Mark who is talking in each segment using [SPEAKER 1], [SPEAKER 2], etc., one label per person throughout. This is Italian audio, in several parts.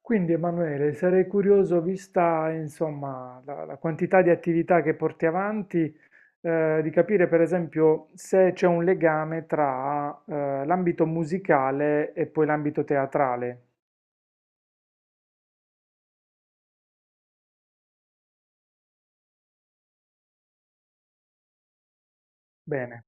[SPEAKER 1] Quindi Emanuele, sarei curioso, vista insomma la quantità di attività che porti avanti, di capire per esempio se c'è un legame tra l'ambito musicale e poi l'ambito teatrale. Bene.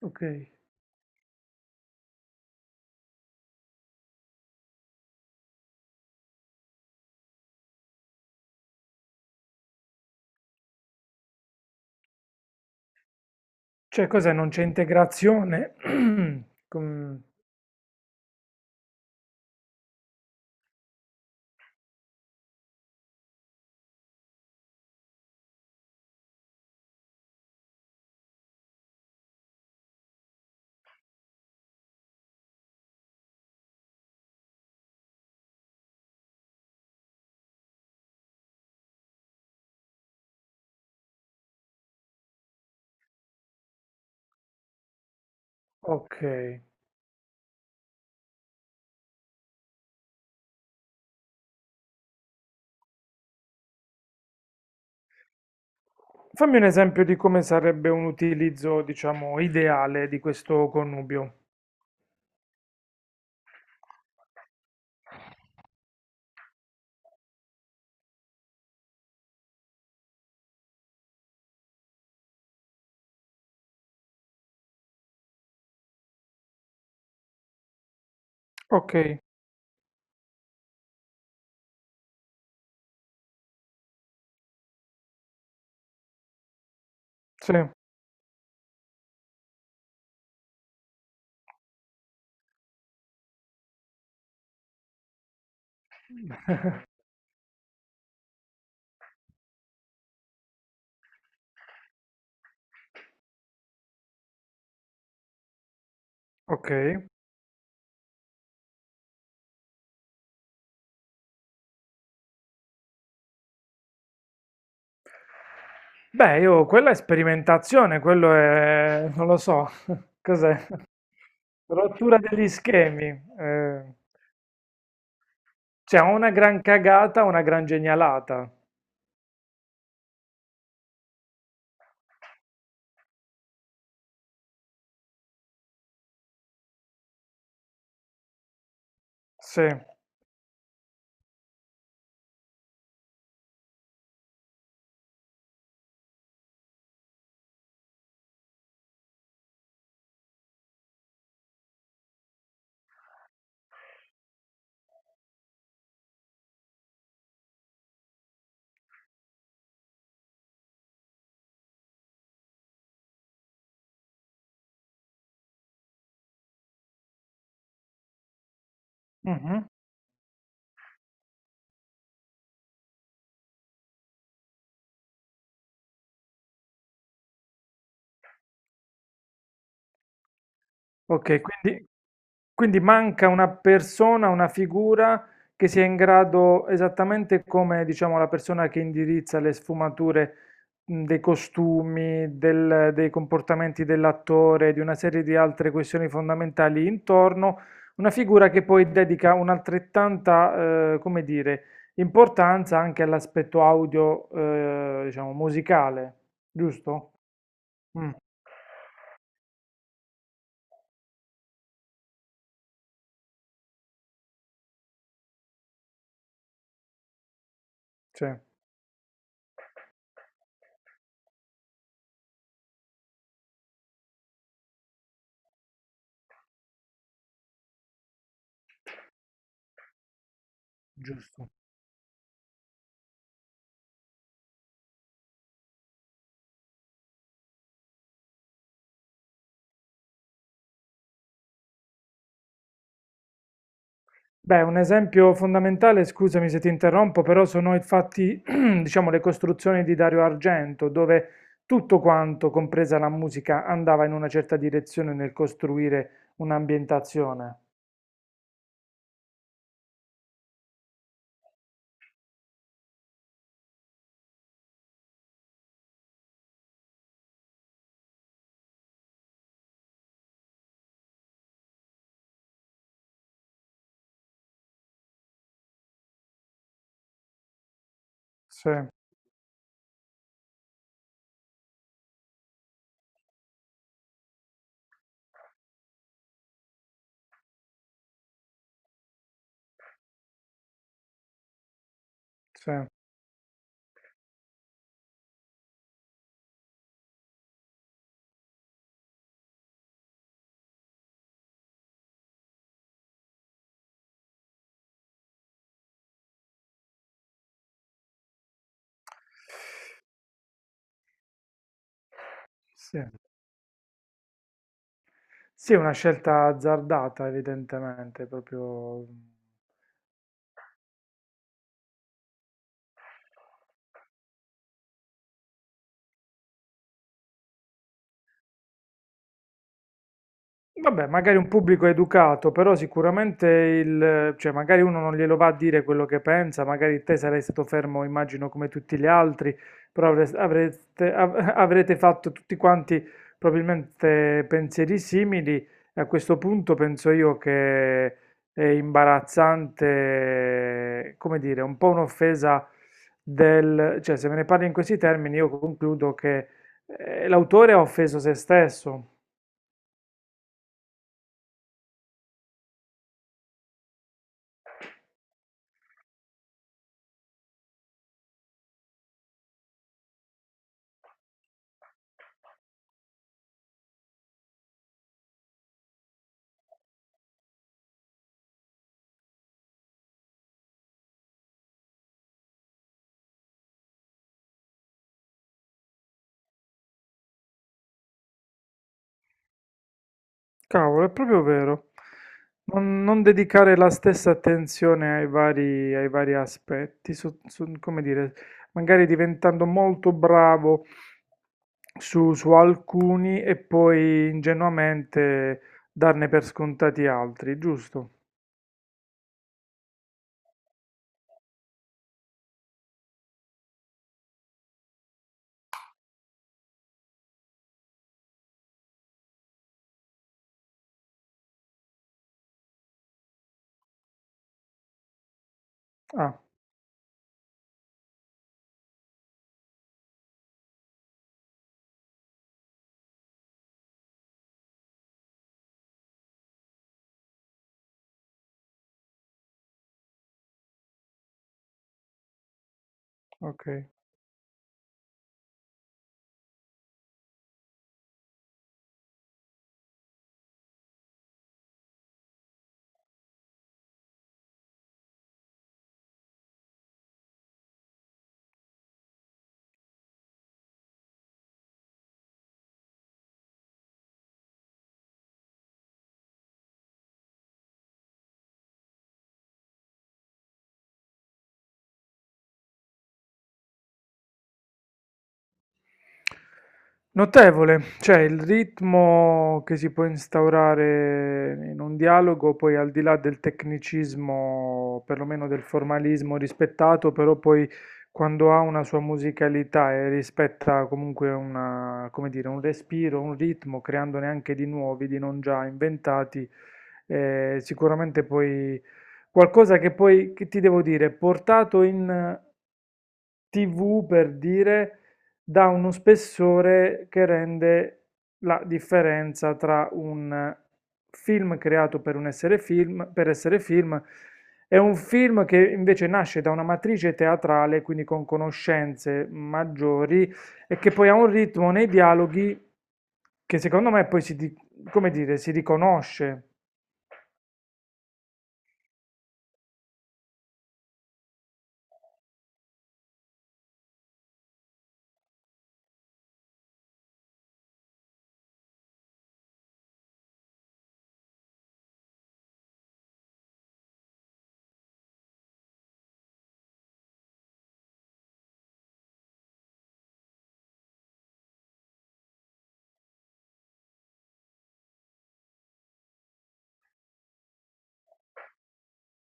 [SPEAKER 1] Ok. Cioè, cos'è? Non c'è integrazione? Com- ok. Fammi un esempio di come sarebbe un utilizzo, diciamo, ideale di questo connubio. Ok, sì. Ok. Beh, io quella è sperimentazione, quello è, non lo so, cos'è? Rottura degli schemi. Eh. Cioè, o una gran cagata, o una gran genialata. Sì. Mhm. Ok, quindi, quindi manca una persona, una figura che sia in grado, esattamente come diciamo la persona che indirizza le sfumature dei costumi, dei comportamenti dell'attore, di una serie di altre questioni fondamentali intorno, una figura che poi dedica un'altrettanta, come dire, importanza anche all'aspetto audio, diciamo, musicale, giusto? Mm, sì, giusto. Beh, un esempio fondamentale, scusami se ti interrompo, però sono infatti, diciamo, le costruzioni di Dario Argento, dove tutto quanto, compresa la musica, andava in una certa direzione nel costruire un'ambientazione. Sì, sì, sì. Sì, è una scelta azzardata, evidentemente, proprio. Vabbè, magari un pubblico educato, però sicuramente il, cioè magari uno non glielo va a dire quello che pensa, magari te sarai stato fermo, immagino, come tutti gli altri, però avrete fatto tutti quanti probabilmente pensieri simili e a questo punto penso io che è imbarazzante, come dire, un po' un'offesa del, cioè se me ne parli in questi termini io concludo che l'autore ha offeso se stesso. Cavolo, è proprio vero. Non dedicare la stessa attenzione ai ai vari aspetti, come dire, magari diventando molto bravo su, su alcuni e poi ingenuamente darne per scontati altri, giusto? Ah, ok. Notevole, cioè il ritmo che si può instaurare in un dialogo, poi al di là del tecnicismo, perlomeno del formalismo rispettato, però poi quando ha una sua musicalità e rispetta comunque una, come dire, un respiro, un ritmo, creandone anche di nuovi, di non già inventati, sicuramente poi qualcosa che poi, che ti devo dire, portato in TV per dire, dà uno spessore che rende la differenza tra un film creato per un essere film, per essere film e un film che invece nasce da una matrice teatrale, quindi con conoscenze maggiori e che poi ha un ritmo nei dialoghi che secondo me poi si, come dire, si riconosce.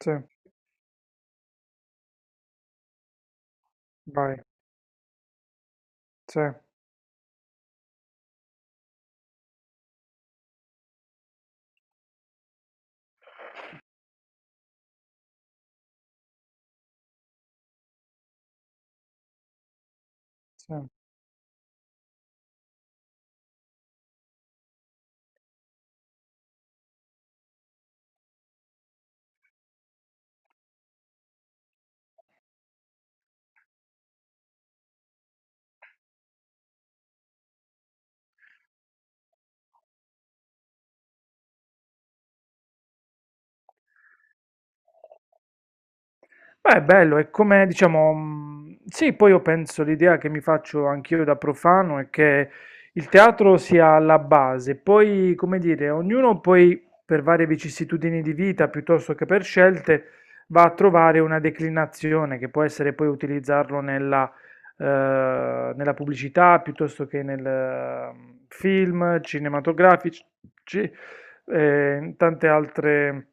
[SPEAKER 1] Sì, vai, sì, sì. Beh, è bello, è come diciamo, sì, poi io penso l'idea che mi faccio anch'io da profano è che il teatro sia la base, poi, come dire, ognuno poi per varie vicissitudini di vita piuttosto che per scelte va a trovare una declinazione che può essere poi utilizzarlo nella, eh, nella pubblicità piuttosto che nel film cinematografici, ci- in tante altre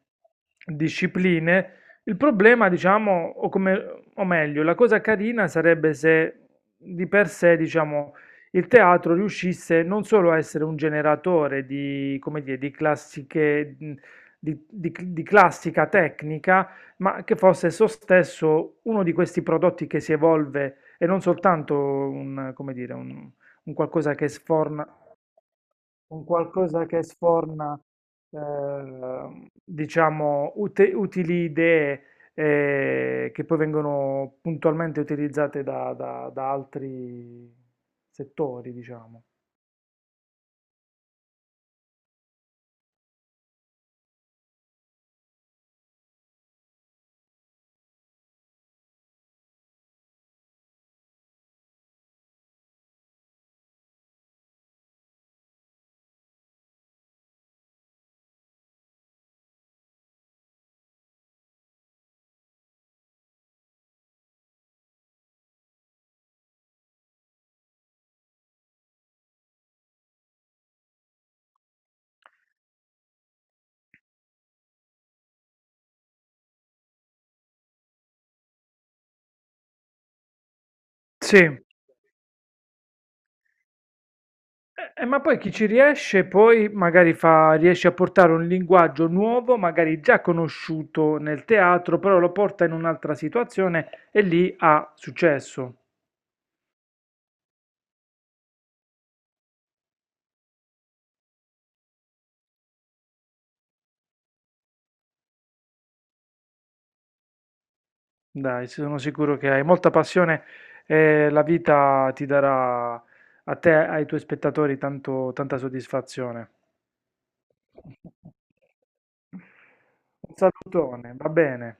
[SPEAKER 1] discipline. Il problema, diciamo, o come o meglio, la cosa carina sarebbe se di per sé, diciamo, il teatro riuscisse non solo a essere un generatore di, come dire, di classiche, di, di classica tecnica, ma che fosse esso stesso uno di questi prodotti che si evolve e non soltanto un, come dire, un qualcosa che sforna un qualcosa che sforna, diciamo, utili idee che poi vengono puntualmente utilizzate da, da altri settori, diciamo. Sì. Ma poi chi ci riesce poi magari fa, riesce a portare un linguaggio nuovo, magari già conosciuto nel teatro, però lo porta in un'altra situazione e lì ha successo. Dai, sono sicuro che hai molta passione e la vita ti darà a te e ai tuoi spettatori tanta soddisfazione. Un salutone, va bene.